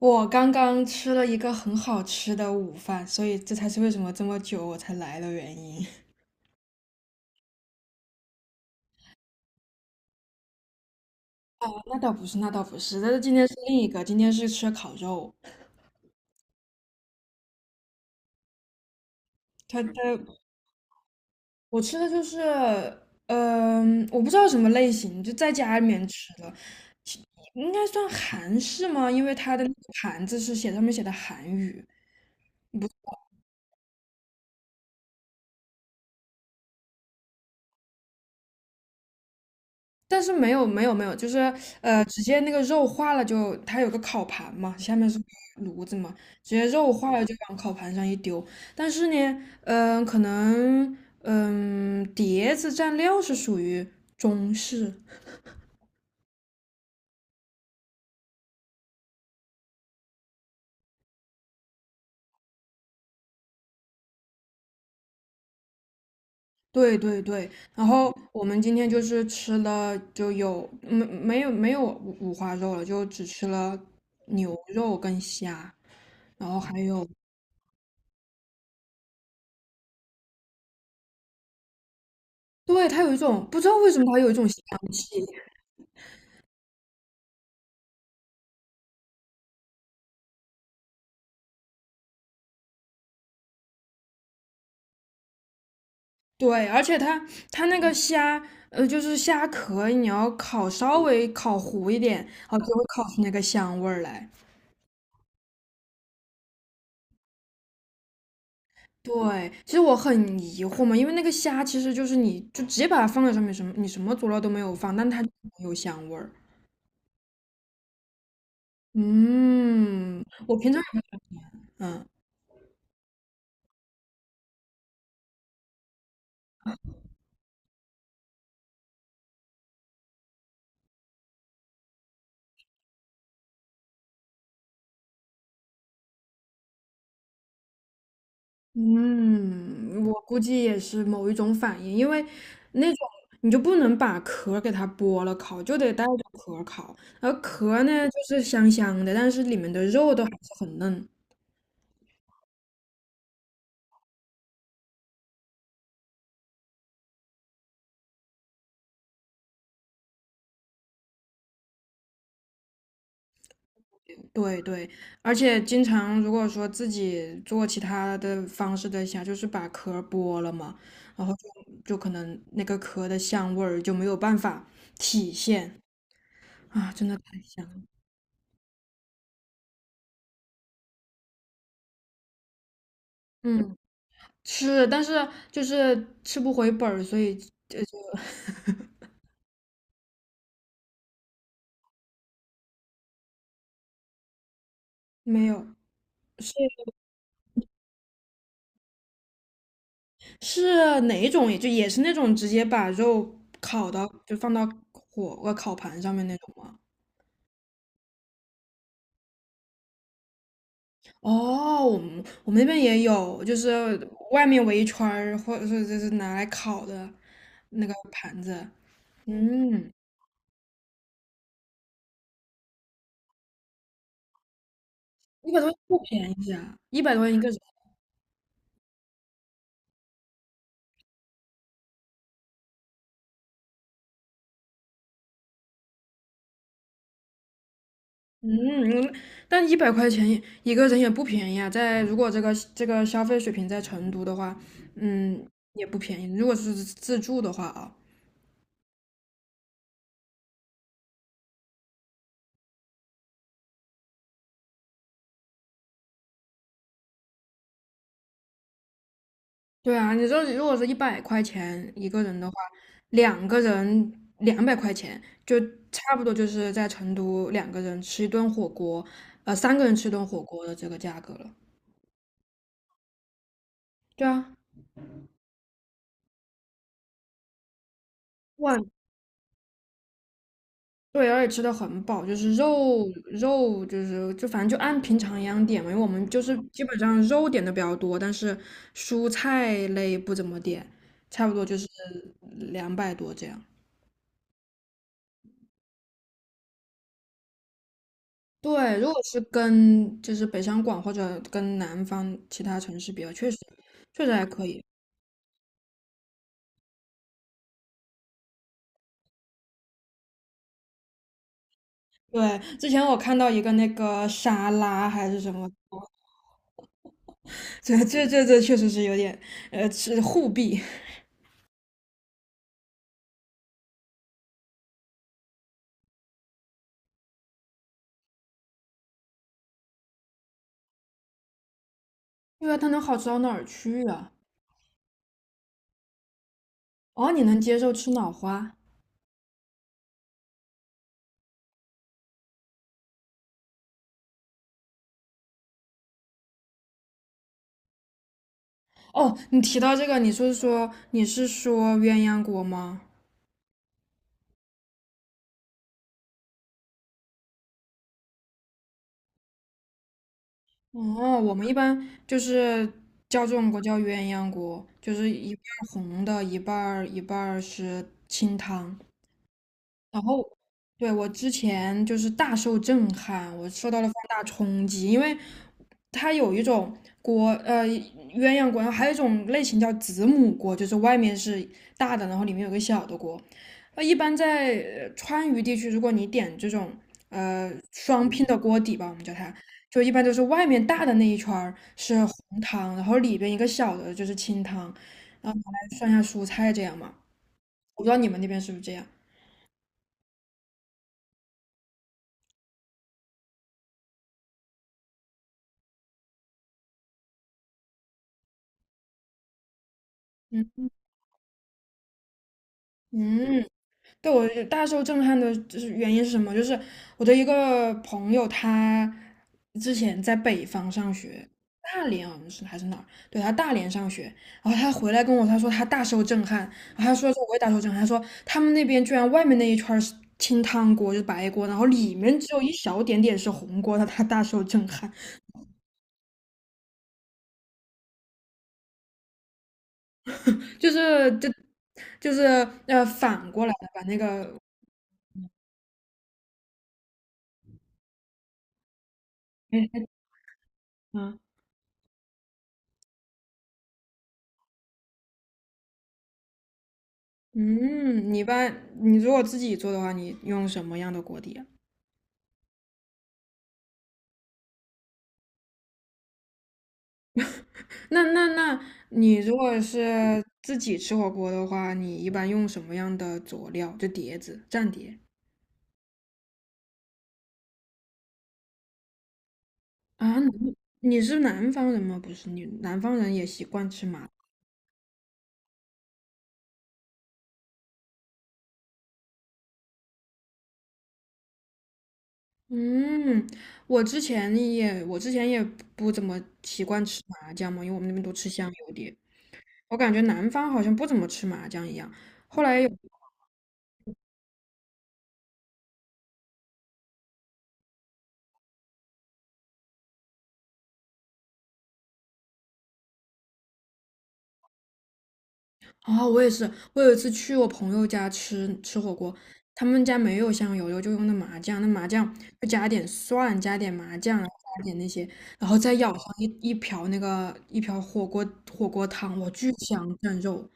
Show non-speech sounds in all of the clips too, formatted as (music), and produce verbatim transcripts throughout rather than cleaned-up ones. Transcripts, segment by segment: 我刚刚吃了一个很好吃的午饭，所以这才是为什么这么久我才来的原因。哦，那倒不是，那倒不是，但是今天是另一个，今天是吃烤肉。它它我吃的就是，嗯、我不知道什么类型，就在家里面吃的，其应该算韩式吗？因为它的那个盘子是写上面写的韩语。但是没有没有没有，就是呃，直接那个肉化了就，它有个烤盘嘛，下面是个炉子嘛，直接肉化了就往烤盘上一丢。但是呢，嗯、可能嗯、碟子蘸料是属于中式，对对对。然后我们今天就是吃了，就有没没有没有五五花肉了，就只吃了牛肉跟虾，然后还有，对，它有一种不知道为什么它有一种香气。对，而且它它那个虾，呃，就是虾壳，你要烤稍微烤糊一点，然后就会烤出那个香味儿来。对，其实我很疑惑嘛，因为那个虾其实就是你就直接把它放在上面，什么你什么佐料都没有放，但它就有香味儿。嗯，我平常嗯。嗯，我估计也是某一种反应，因为那种你就不能把壳儿给它剥了烤，就得带着壳儿烤。而壳儿呢，就是香香的，但是里面的肉都还是很嫩。对对，而且经常如果说自己做其他的方式的虾，就是把壳儿剥了嘛，然后就就可能那个壳的香味儿就没有办法体现啊，真的太香了。嗯。吃，但是就是吃不回本儿，所以就就 (laughs) 没有。是是哪一种？也就也是那种直接把肉烤到，就放到火呃烤盘上面那种吗？哦，我们我们那边也有，就是外面围一圈儿，或者是就是拿来烤的那个盘子。嗯，一百多不便宜啊，一百多一个人。嗯，但一百块钱一一个人也不便宜啊，在如果这个这个消费水平在成都的话，嗯，也不便宜。如果是自助的话啊，对啊，你说如果是一百块钱一个人的话，两个人两百块钱，就差不多就是在成都两个人吃一顿火锅，呃，三个人吃一顿火锅的这个价格了。对啊，万。对，而且吃的很饱，就是肉肉就是就反正就按平常一样点嘛，因为我们就是基本上肉点的比较多，但是蔬菜类不怎么点，差不多就是两百多这样。对，如果是跟就是北上广或者跟南方其他城市比较，确实确实还可以。对，之前我看到一个那个沙拉还是什么，这这这这确实是有点呃是互弊，(laughs) 因为它能好吃到哪儿去啊？哦，你能接受吃脑花？哦，你提到这个，你是说你是说鸳鸯锅吗？哦，我们一般就是叫这种锅叫鸳鸯锅，就是一半儿红的，一半儿一半儿是清汤。然后，对，我之前就是大受震撼，我受到了放大冲击，因为它有一种锅，呃，鸳鸯锅，然后还有一种类型叫子母锅，就是外面是大的，然后里面有个小的锅。呃，一般在呃川渝地区，如果你点这种呃双拼的锅底吧，我们叫它，就一般都是外面大的那一圈儿是红汤，然后里边一个小的就是清汤，然后拿来涮一下蔬菜这样嘛。我不知道你们那边是不是这样？嗯嗯。对，我就大受震撼的就是原因是什么？就是我的一个朋友，他之前在北方上学，大连好像是还是哪儿？对，他大连上学，然后他回来跟我他说他大受震撼，然后他说说我也大受震撼，他说他们那边居然外面那一圈儿是清汤锅，就是白锅，然后里面只有一小点点是红锅，他他大受震撼，就是就就是呃反过来的把那个嗯。嗯嗯，你一般你如果自己做的话，你用什么样的锅底啊？那那那你如果是自己吃火锅的话，你一般用什么样的佐料？就碟子、蘸碟啊？你你是南方人吗？不是，你南方人也习惯吃麻。嗯，我之前也我之前也不怎么习惯吃麻酱嘛，因为我们那边都吃香油碟，我感觉南方好像不怎么吃麻酱一样。后来有啊，我也是，我有一次去我朋友家吃吃火锅，他们家没有香油，就就用的麻酱，那麻酱就加点蒜，加点麻酱，然后加点那些，然后再舀上一一瓢那个一瓢火锅火锅汤，哇，巨香蘸肉。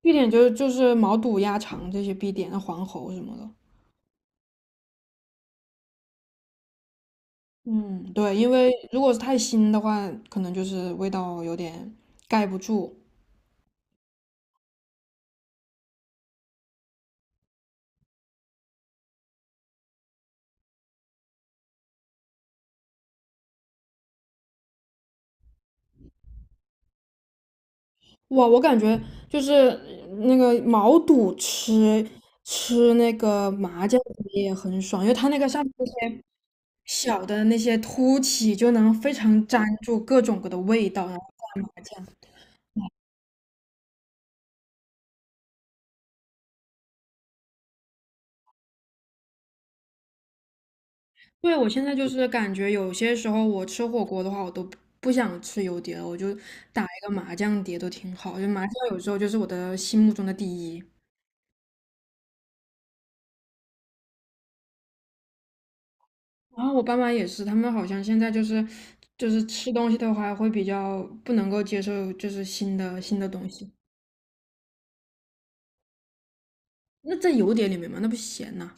必点就是就是毛肚、鸭肠这些必点，那黄喉什么的。嗯，对，因为如果是太腥的话，可能就是味道有点盖不住。哇，我感觉就是那个毛肚吃吃那个麻酱也很爽，因为它那个上面那些小的那些凸起就能非常粘住各种各的味道。然后对，我现在就是感觉有些时候我吃火锅的话，我都不想吃油碟了，我就打一个麻酱碟都挺好。就麻酱有时候就是我的心目中的第一。然后我爸妈也是，他们好像现在就是就是吃东西的话会比较不能够接受，就是新的新的东西。那在油碟里面嘛，那不咸呐。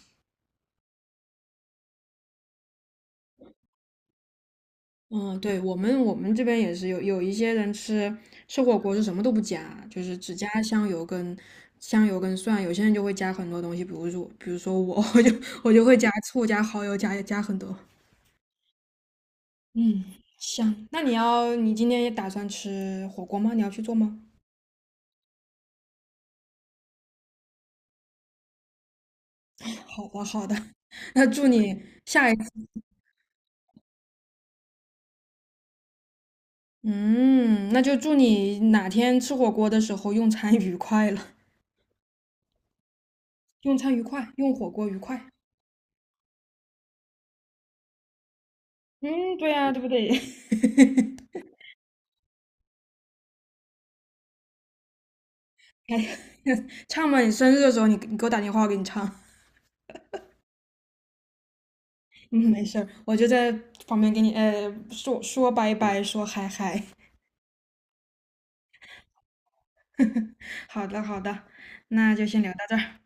嗯，对，我们我们这边也是有有一些人吃吃火锅是什么都不加，就是只加香油跟香油跟蒜。有些人就会加很多东西，比如说比如说我 (laughs) 我就我就会加醋、加蚝油、加加很多。嗯，香。那你要你今天也打算吃火锅吗？你要去做吗？(laughs) 好的好的，(laughs) 那祝你。下一次。嗯，那就祝你哪天吃火锅的时候用餐愉快了，(laughs) 用餐愉快，用火锅愉快。嗯，对呀，对不对？(laughs) 唱嘛，你生日的时候你你给我打电话，我给你唱。(laughs) 嗯，没事儿，我就在旁边给你呃说说拜拜，说嗨嗨。(laughs) 好的好的，那就先聊到这儿。